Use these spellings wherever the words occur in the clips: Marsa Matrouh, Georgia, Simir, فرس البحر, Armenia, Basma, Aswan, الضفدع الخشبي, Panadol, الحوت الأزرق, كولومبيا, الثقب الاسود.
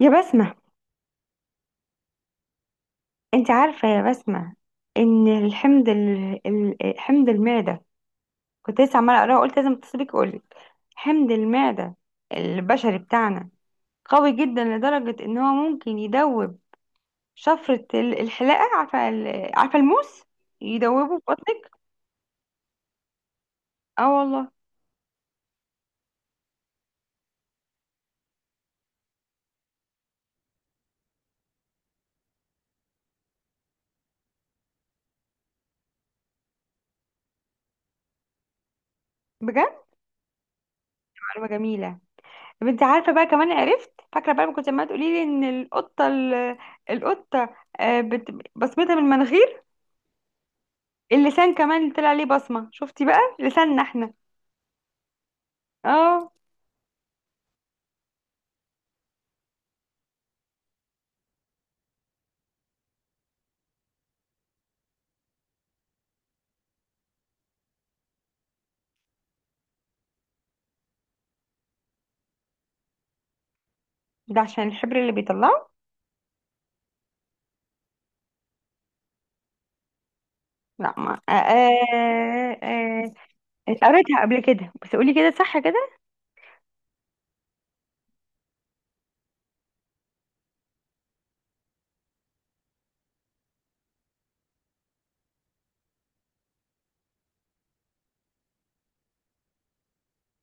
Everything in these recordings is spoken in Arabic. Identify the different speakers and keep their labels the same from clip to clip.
Speaker 1: يا بسمة، انت عارفة يا بسمة ان الحمض حمض المعدة، كنت لسه عمالة اقراه، قلت لازم اتصلك اقولك. حمض المعدة البشري بتاعنا قوي جدا لدرجة ان هو ممكن يدوب شفرة الحلاقة، عارفة عارفة الموس، يدوبه في بطنك. اه والله. بجد معلومة جميلة. طب انت عارفة بقى كمان، عرفت فاكرة بقى ما كنت عمالة تقولي لي ان القطة آه، بصمتها من المناخير. اللسان كمان طلع عليه بصمة، شفتي بقى لساننا احنا. اه، ده عشان الحبر اللي بيطلعه. لا، ما آه. قريتها قبل كده، بس قولي كده صح كده.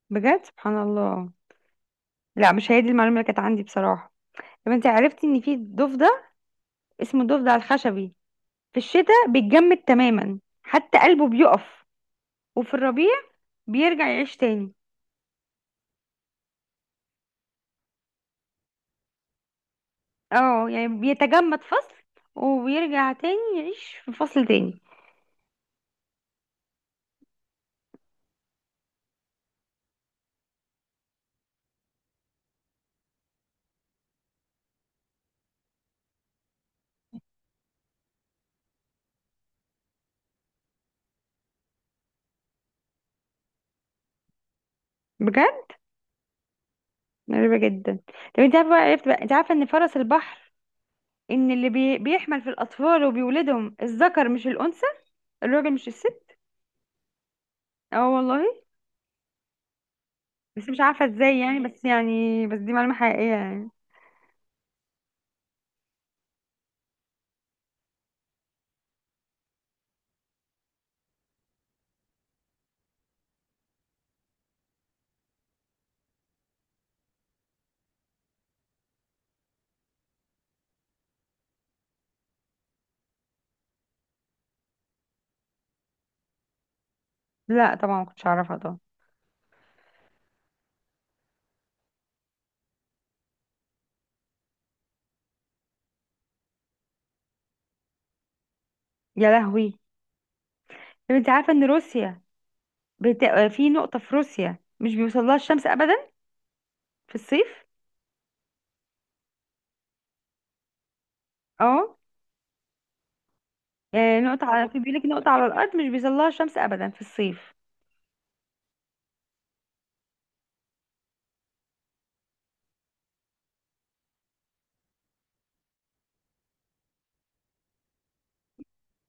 Speaker 1: بجد سبحان الله. لا، مش هي دي المعلومة اللي كانت عندي بصراحة. طب انت عرفتي ان في ضفدع اسمه الضفدع الخشبي، في الشتاء بيتجمد تماما حتى قلبه بيقف، وفي الربيع بيرجع يعيش تاني. اه يعني بيتجمد فصل وبيرجع تاني يعيش في فصل تاني. بجد غريبة جدا. طب انت عارفة، عرفت بقى انت عارفة ان فرس البحر، ان اللي بيحمل في الاطفال وبيولدهم الذكر مش الانثى، الراجل مش الست. اه والله. بس مش عارفة ازاي، يعني بس يعني بس دي معلومة حقيقية يعني. لا طبعا ما كنتش اعرفها طبعا. يا لهوي. طب انت عارفة ان روسيا، بت... آه، في نقطة في روسيا مش بيوصلها الشمس ابدا في الصيف. اه. آه، نقطة على في بيقولك نقطة على الارض مش بيوصلها الشمس ابدا في الصيف.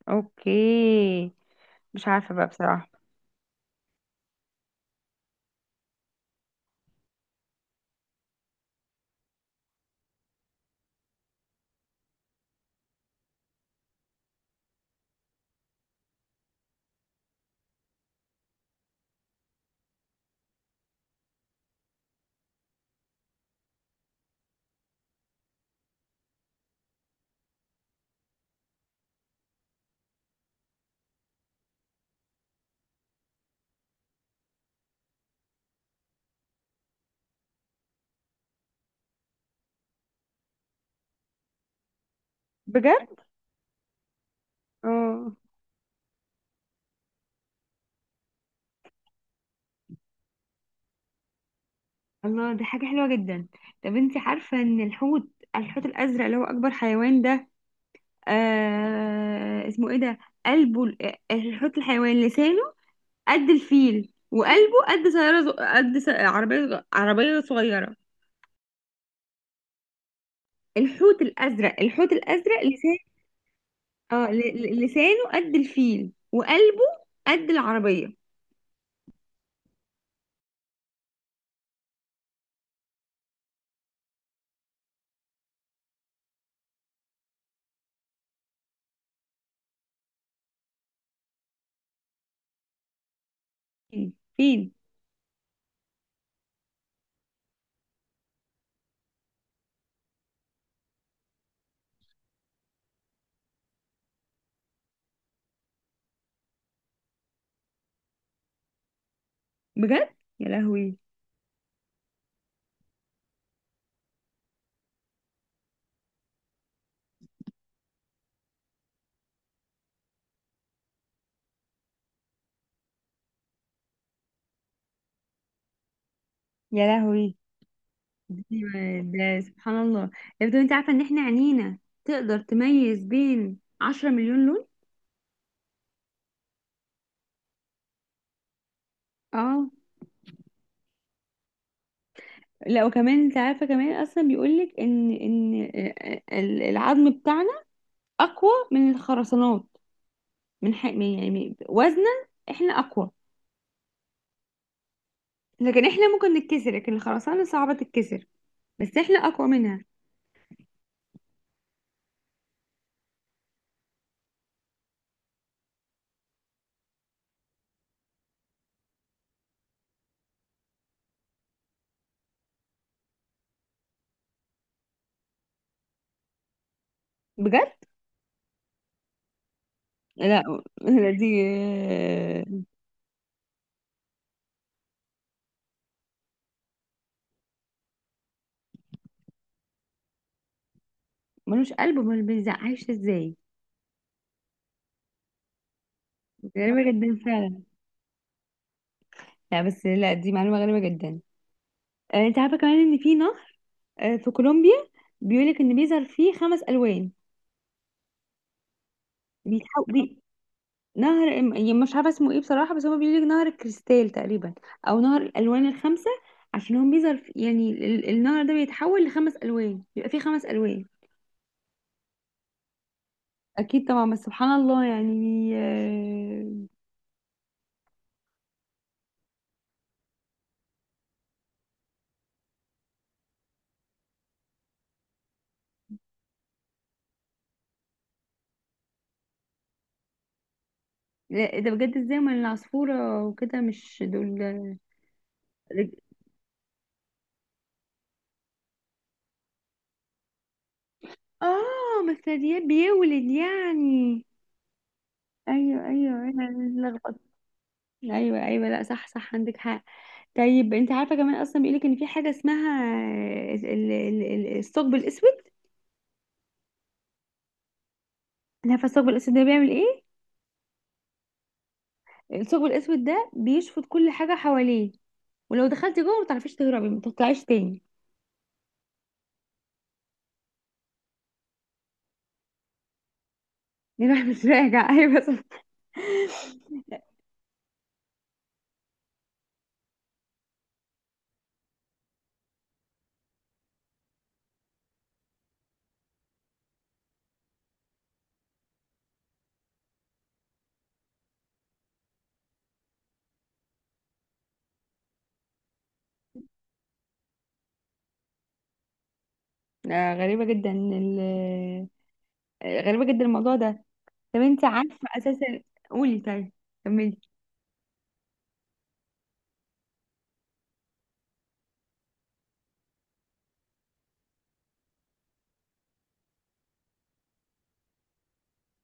Speaker 1: اوكي، مش عارفة بقى بصراحة. بجد. اه. الله، دي حاجة حلوة جدا. طب انت عارفة ان الحوت، الحوت الأزرق اللي هو أكبر حيوان ده، آه اسمه ايه ده، قلبه، الحيوان لسانه قد الفيل وقلبه قد سيارة، عربية، عربية صغيرة. الحوت الأزرق، الحوت الأزرق لسانه قد الفيل وقلبه قد العربية. فين فين؟ بجد يا لهوي. يا لهوي أيوة، ده سبحان الله. افضل، انت عارفه ان احنا عينينا تقدر تميز بين 10 مليون لون. اه. لا، وكمان انت عارفه كمان اصلا بيقولك ان آه، العظم بتاعنا اقوى من الخرسانات، يعني وزنا احنا اقوى، لكن احنا ممكن نتكسر لكن الخرسانه صعبه تتكسر، بس احنا اقوى منها. بجد. لا. لا، دي آه، ملوش قلب امال بيزعقش ازاي؟ غريبه جدا فعلا. لا بس لا، دي معلومه غريبه جدا. آه، انت عارفه كمان ان في نهر، آه، في كولومبيا، بيقولك ان بيظهر فيه خمس الوان. بيتحو... بي... نهر يعني مش عارفه اسمه ايه بصراحه، بس هو بيقولك نهر الكريستال تقريبا، او نهر الالوان الخمسه. عشان هو بيظهر يعني النهر ده بيتحول لخمس الوان، بيبقى فيه خمس الوان. اكيد طبعا، بس سبحان الله يعني آه. لا، ده بجد، ازاي ما العصفوره وكده مش دول؟ رج... اه مثليات، بيولد يعني. ايوه ايوه انا. ايوه ايوه، لا صح صح عندك حق. طيب انت عارفه كمان اصلا بيقولك ان في حاجه اسمها ال- ال- الثقب الاسود. أنت عارفه الثقب الاسود ده بيعمل ايه؟ الثقب الاسود ده بيشفط كل حاجه حواليه، ولو دخلتي جوه ما تعرفيش تهربي، ما تطلعيش تاني. يروح مش راجع. ايوه صح. آه غريبه جدا آه، غريبه جدا الموضوع ده. طب انت عارفه اساسا. قولي طيب، كملي.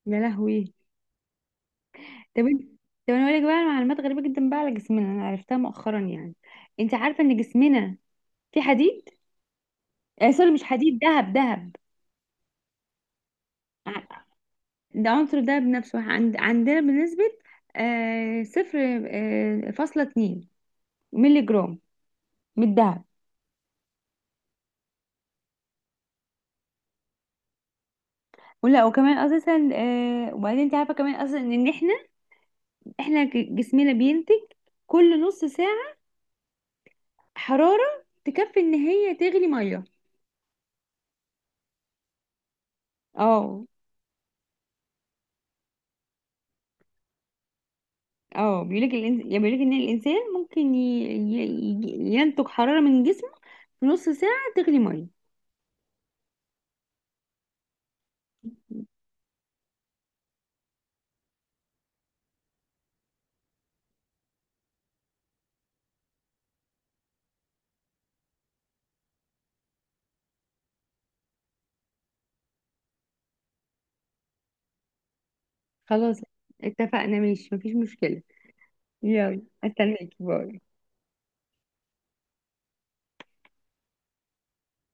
Speaker 1: يا لهوي. طب انت. طب انا اقول لك بقى معلومات غريبه جدا بقى على جسمنا، انا عرفتها مؤخرا يعني. انت عارفه ان جسمنا في حديد، آه سوري، مش حديد، دهب دهب. ع- ده عنصر الدهب نفسه عندنا بنسبة صفر فاصلة اتنين مللي جرام من الدهب. ولا وكمان اساسا آه. وبعدين انت عارفه كمان اصلا ان احنا جسمنا بينتج كل نص ساعه حراره تكفي ان هي تغلي ميه. اه. اه بيقولك يعني بيقولك ان الانسان ممكن ينتج حراره من جسمه في نص ساعه تغلي ميه. خلاص، اتفقنا، ماشي، مفيش مشكله. يلا، استناكي، باي.